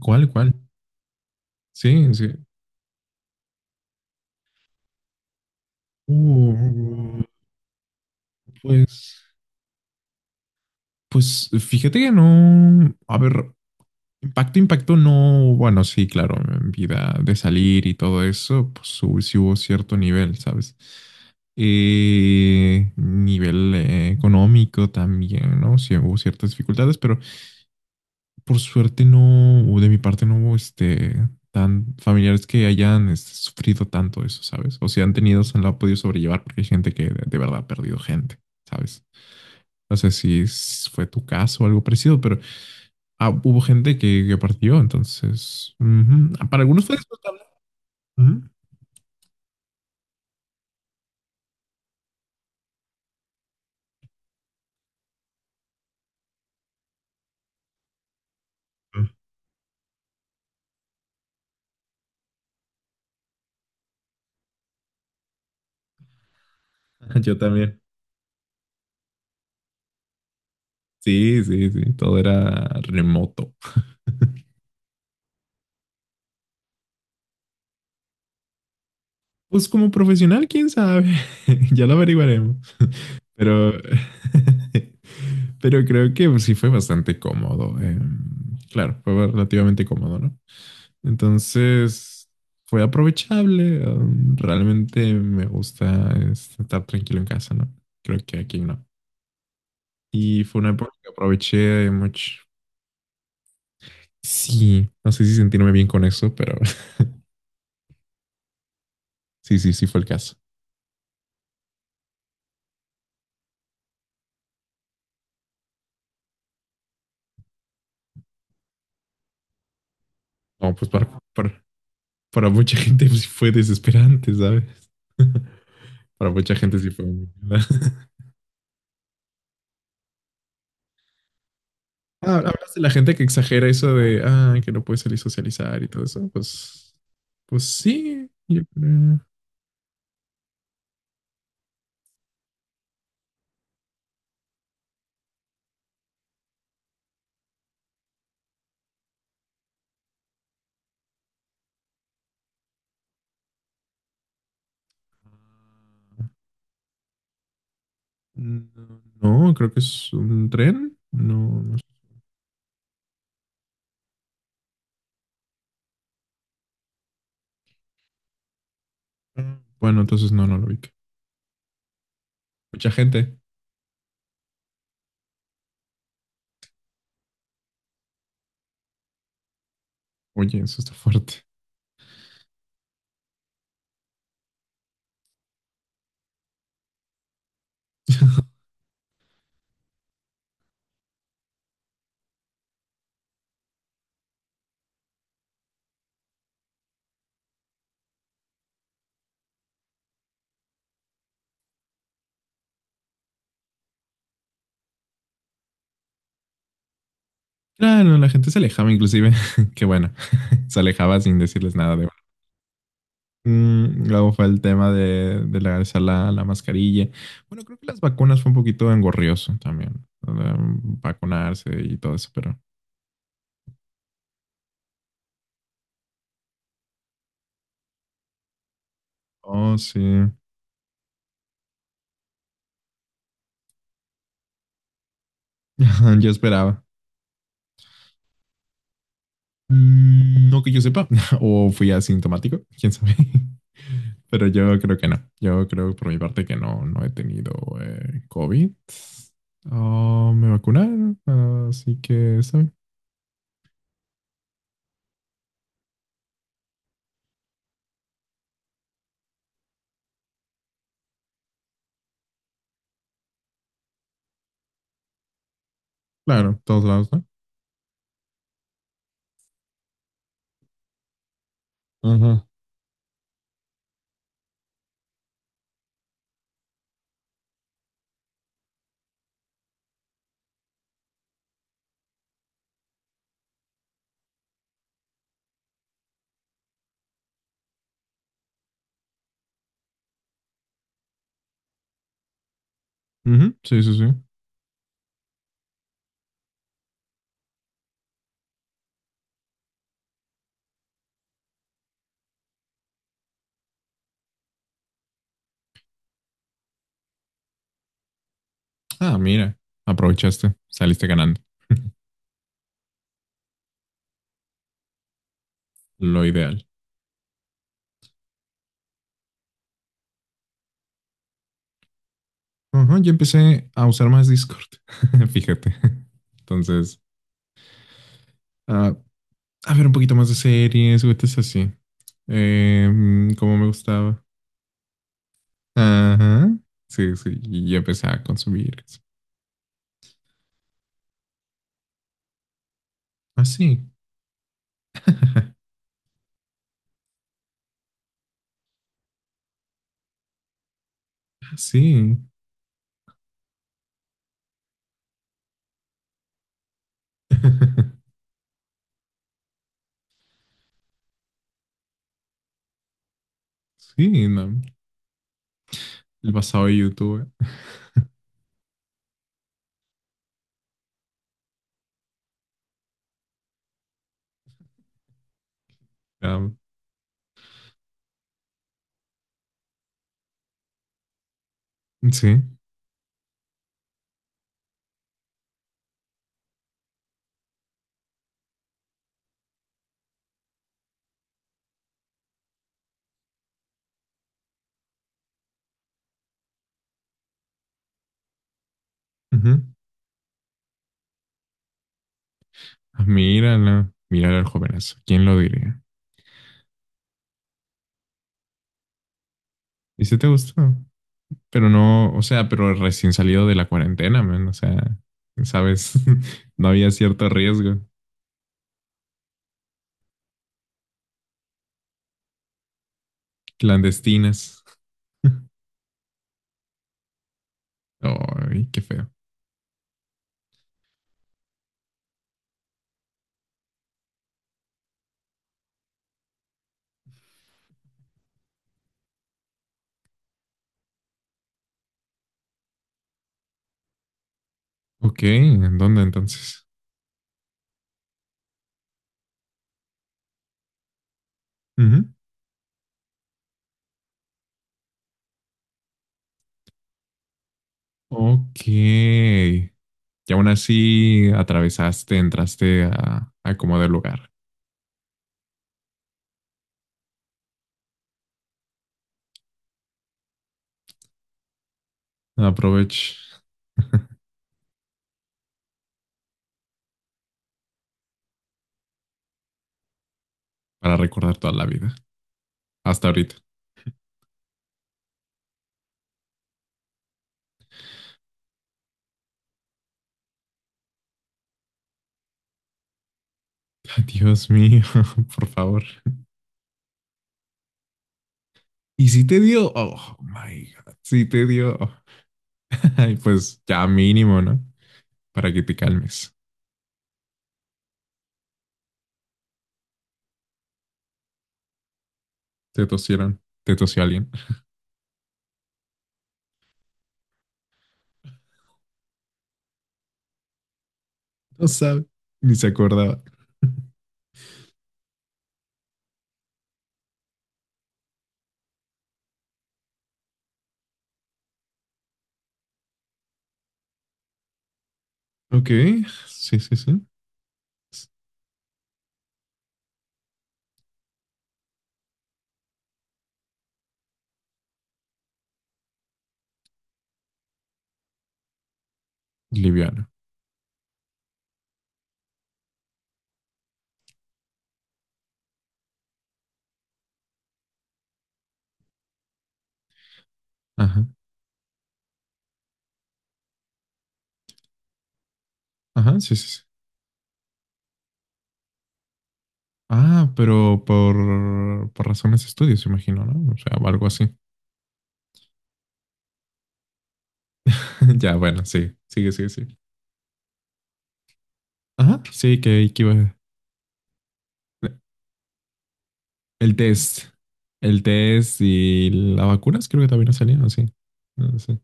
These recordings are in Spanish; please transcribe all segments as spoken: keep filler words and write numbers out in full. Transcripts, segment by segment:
¿Cuál, cuál? Sí, sí. Uh, pues, pues fíjate que no. A ver, impacto, impacto no. Bueno, sí, claro, en vida de salir y todo eso, pues hubo- sí hubo cierto nivel, ¿sabes? Eh, nivel eh, económico también, ¿no? Sí hubo ciertas dificultades, pero por suerte no, o de mi parte no hubo este, tan familiares que hayan este, sufrido tanto eso, ¿sabes? O si han tenido, se lo ha podido sobrellevar porque hay gente que de, de verdad ha perdido gente, ¿sabes? No sé si es- fue tu caso o algo parecido, pero ah, hubo gente que, que partió, entonces, ujú. Ah, para algunos fue disfrutable. Ujú. Yo también. Sí, sí, sí, todo era remoto. Pues como profesional, quién sabe, ya lo averiguaremos. Pero, pero creo que pues, sí fue bastante cómodo. Eh, claro, fue relativamente cómodo, ¿no? Entonces, fue aprovechable. Um, realmente me gusta este, estar tranquilo en casa, ¿no? Creo que aquí no. Y fue una época que aproveché mucho. Sí, no sé si sentirme bien con eso, pero sí, sí, sí fue el caso. No, pues para, para- Para mucha gente pues, sí fue desesperante, ¿sabes? Para mucha gente sí fue muy... Ah, hablas de la gente que exagera eso de, ah, que no puede salir a socializar y todo eso. Pues, pues sí, yo creo. No, no, creo que es un tren. No, no sé. Bueno, entonces no, no lo vi. Mucha gente. Oye, eso está fuerte. Claro, la gente se alejaba inclusive. Qué bueno. Se alejaba sin decirles nada de mm, luego fue el tema de, de regresar la, la mascarilla. Bueno, creo que las vacunas fue un poquito engorrioso también. um, Vacunarse y todo eso, pero. Oh, sí. Yo esperaba. Mm, no que yo sepa. O fui asintomático, quién sabe. Pero yo creo que no. Yo creo por mi parte que no, no he tenido eh, COVID. Oh, me vacunaron. Así que, ¿sabe? Claro, todos lados, ¿no? Ajá. Ujú, sí, sí, sí. Ah, mira, aprovechaste, saliste ganando. Lo ideal. Ajá, yo empecé a usar más Discord, fíjate. Entonces, ah, a ver un poquito más de series, es así. Eh, mm, como me gustaba. Ajá. Sí, sí, y yo empecé a consumir. Ah, sí. Sí. Sí, no. El pasado de YouTube. Ah, sí. Ujú. Ah, mírala, mírala al jovenazo. ¿Quién lo diría? ¿Y si te gustó? Pero no, o sea, pero recién salido de la cuarentena, man. O sea, sabes, no había cierto riesgo. Clandestinas. Ay, qué feo. Ok, ¿en dónde entonces? Ujú. Ok. Y aún así atravesaste, entraste a, a como del lugar. Aprovecha para recordar toda la vida. Hasta ahorita. Dios mío, por favor. Y si te dio, oh my God, si te dio, ay, pues ya mínimo, ¿no? Para que te calmes. Te tosieron, te tosió alguien. No sabe, ni se acordaba. Ok, sí, sí, sí. Liviano. Ajá, ajá, sí, sí, sí. Ah, pero por, por razones de estudios, imagino, ¿no? O sea, algo así. Ya, bueno, sí, sigue, sigue, sigue. Ajá, sí, que, que iba. El test. El test y las vacunas creo que también no salieron, sí. No sé.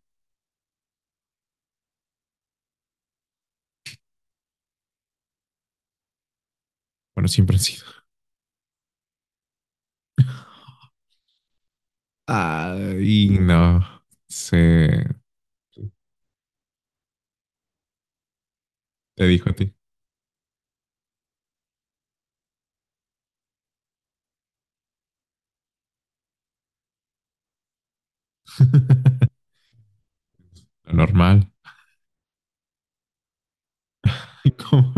Bueno, siempre han sido. Ah, y no. Se te dijo a ti. Lo normal. Como,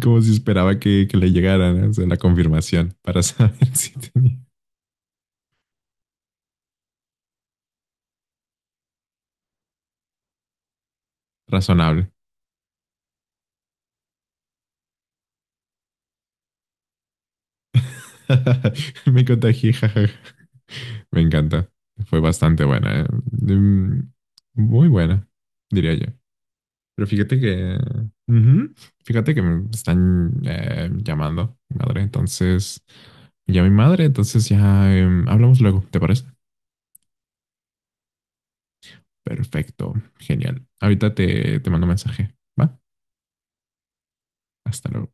como si esperaba que, que le llegaran o sea, la confirmación para saber si tenía. Razonable. Me contagié, jajaja. Me encanta. Fue bastante buena. ¿Eh? Mm, muy buena, diría yo. Pero fíjate que... ujú, fíjate que me están eh, llamando, mi madre. Entonces, ya mi madre, entonces ya em, hablamos luego, ¿te parece? Perfecto, genial. Ahorita te, te mando un mensaje, ¿va? Hasta luego.